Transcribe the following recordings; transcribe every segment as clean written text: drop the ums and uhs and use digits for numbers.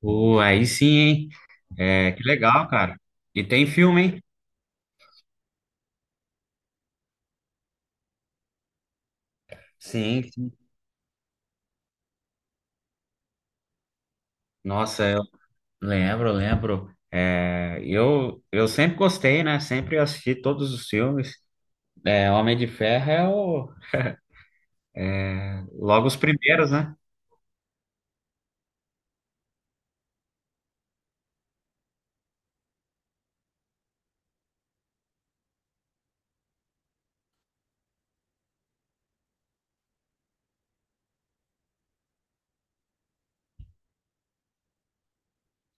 Pô, aí sim, hein? É, que legal, cara. E tem filme, hein? Sim, sim. Nossa, eu lembro, lembro. É, eu sempre gostei, né? Sempre assisti todos os filmes. É, Homem de Ferro é o, logo os primeiros, né?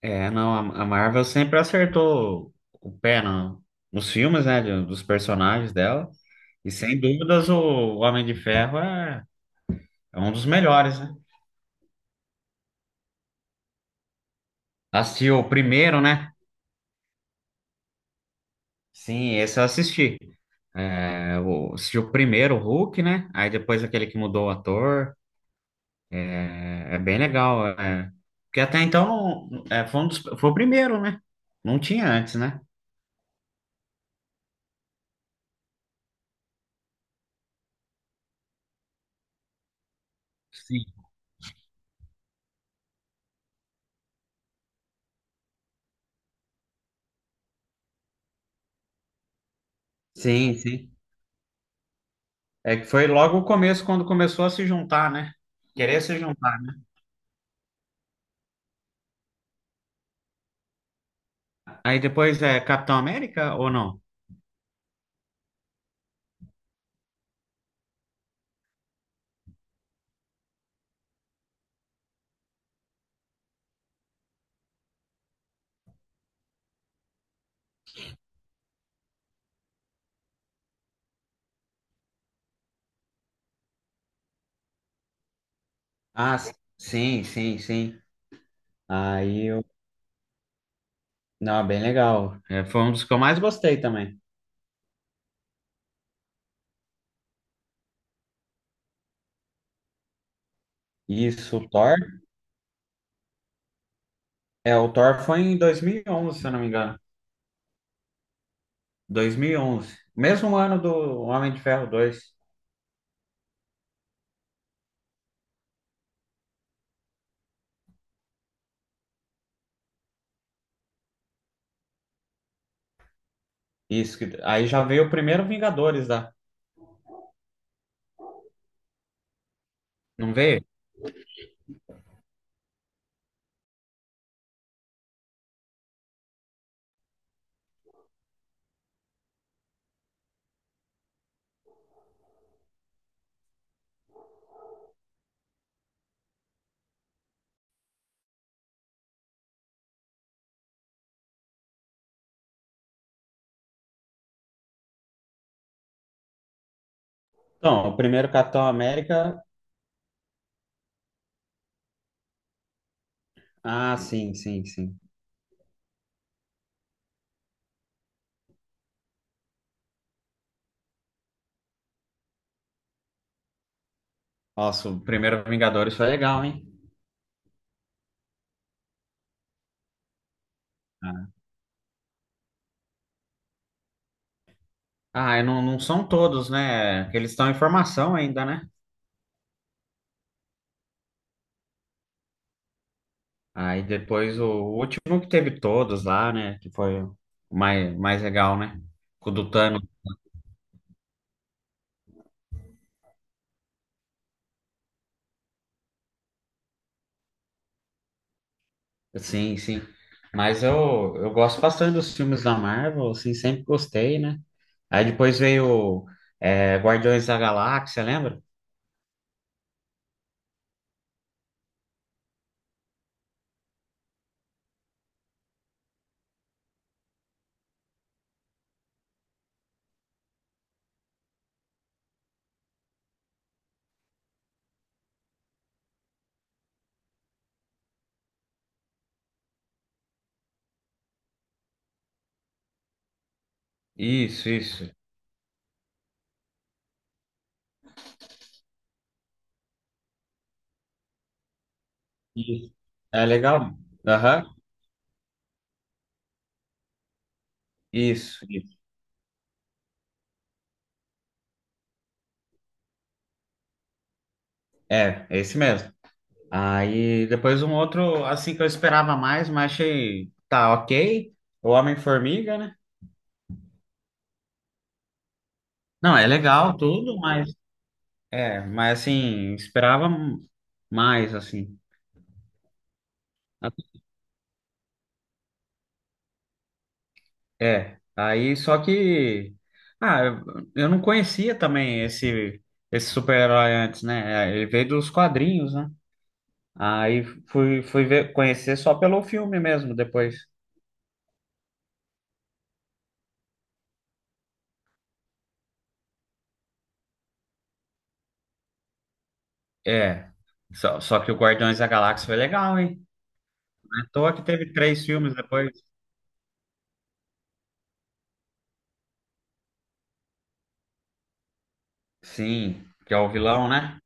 É, não, a Marvel sempre acertou o pé no, nos filmes, né? Dos personagens dela. E sem dúvidas o Homem de Ferro é, é um dos melhores, né? Assisti o primeiro, né? Sim, esse eu assisti. É, o, assistiu o primeiro, o Hulk, né? Aí depois aquele que mudou o ator. É, é bem legal. É. Porque até então é, foi, foi o primeiro, né? Não tinha antes, né? Sim. Sim, sim. É que foi logo o começo, quando começou a se juntar, né? Querer se juntar, né? Aí depois é Capitão América ou não? Ah, s- sim, sim, sim. Aí eu. Não, é bem legal. É, foi um dos que eu mais gostei também. Isso, o Thor. É, o Thor foi em 2011 se eu não me engano. 2011. Mesmo ano do Homem de Ferro 2. Isso, aí já veio o primeiro Vingadores lá. Não veio? Então, o primeiro Capitão América. Ah, sim, sim, sim. Nossa, o primeiro Vingadores foi legal, hein? Ah, e não, não são todos, né? Que eles estão em formação ainda, né? Aí depois o último que teve todos lá, né? Que foi o mais, mais legal, né? Com o do Thanos. Sim, sim. Mas eu gosto bastante dos filmes da Marvel, assim, sempre gostei, né? Aí depois veio é, Guardiões da Galáxia, lembra? Isso, isso. Isso. É legal. Aham. Isso, isso. É, é esse mesmo. Aí depois um outro, assim, que eu esperava mais, mas achei, tá, ok. O Homem-Formiga, né? Não, é legal tudo, mas, é, mas assim, esperava mais, assim. É, aí só que ah, eu não conhecia também esse super-herói antes, né? É, ele veio dos quadrinhos, né? Aí fui ver, conhecer só pelo filme mesmo depois. É. Só que o Guardiões da Galáxia foi legal, hein? Não é à toa que teve três filmes depois. Sim, que é o vilão, né?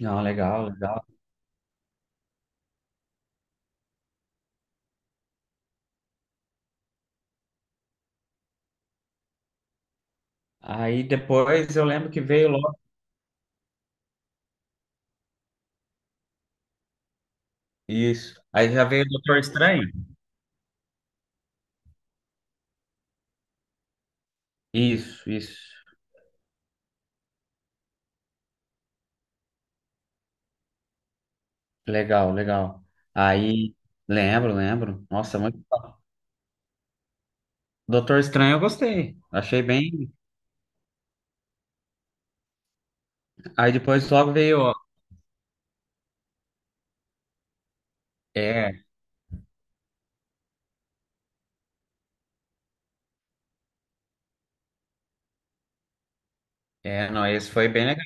Não, legal, legal. Aí depois eu lembro que veio logo. Isso. Aí já veio o Doutor Estranho. Isso, isso. Legal, legal. Aí, lembro, lembro. Nossa, muito bom. Doutor Estranho eu gostei. Achei bem. Aí depois logo veio. Ó, é, é, não, esse foi bem legal.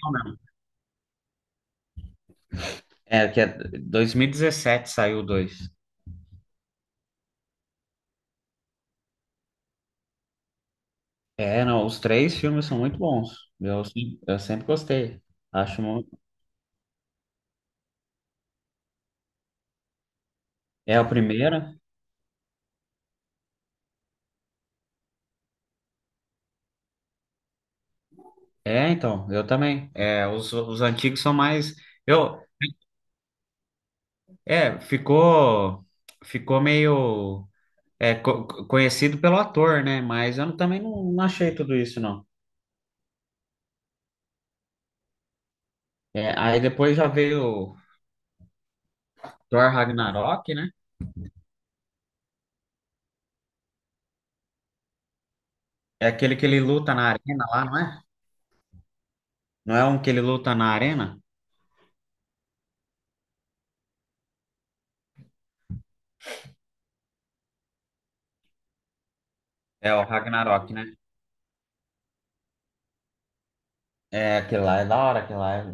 É, que é 2017 saiu o dois. É, não, os três filmes são muito bons. Eu, se- eu sempre gostei. Acho muito. É o primeiro. É, então, eu também. É, os antigos são mais. Eu, é, ficou, ficou meio conhecido pelo ator, né? Mas eu não- também não, não achei tudo isso, não. É, aí depois já veio Thor Ragnarok, né? É aquele que ele luta na arena lá, não é? Não é um que ele luta na arena? É o Ragnarok, né? É, aquele lá é da hora, aquele lá é...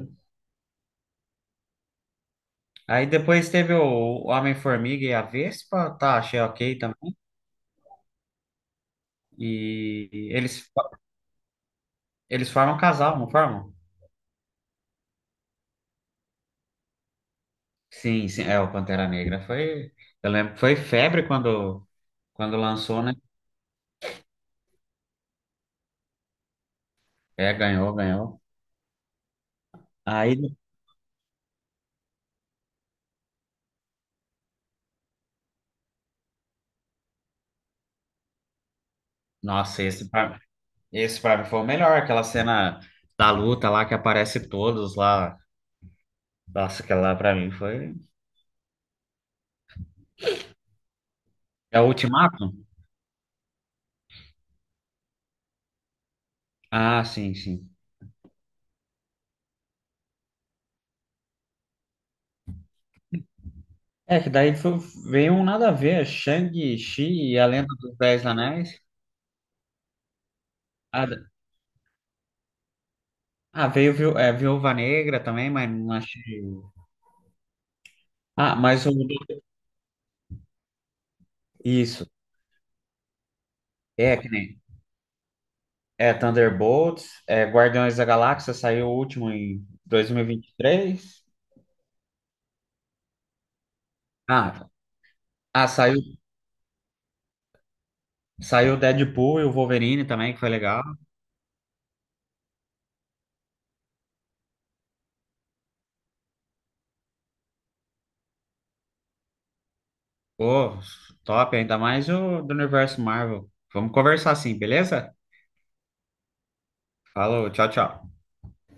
Aí depois teve o Homem-Formiga e a Vespa, tá, achei ok também. E eles formam um casal, não formam? Sim, sim, é, o Pantera Negra foi... Eu lembro que foi febre quando, quando lançou, né? É, ganhou, ganhou. Aí nossa, esse pra mim foi o melhor, aquela cena da luta lá que aparece todos lá. Nossa, aquela lá pra mim foi. É o Ultimato? Ah, sim, sim. É, que daí foi, veio um nada a ver, Shang-Chi e a Lenda dos Dez Anéis. Ah, d- ah, veio é, Viúva Negra também, mas não achei. Ah, mas o. Isso. É, que nem. É, Thunderbolts, é, Guardiões da Galáxia saiu o último em dois mil e vinte e três. Ah, tá. Ah, saiu. Saiu o Deadpool e o Wolverine também, que foi legal. Pô, top, ainda mais o do universo Marvel. Vamos conversar assim, beleza? Falou, tchau, tchau.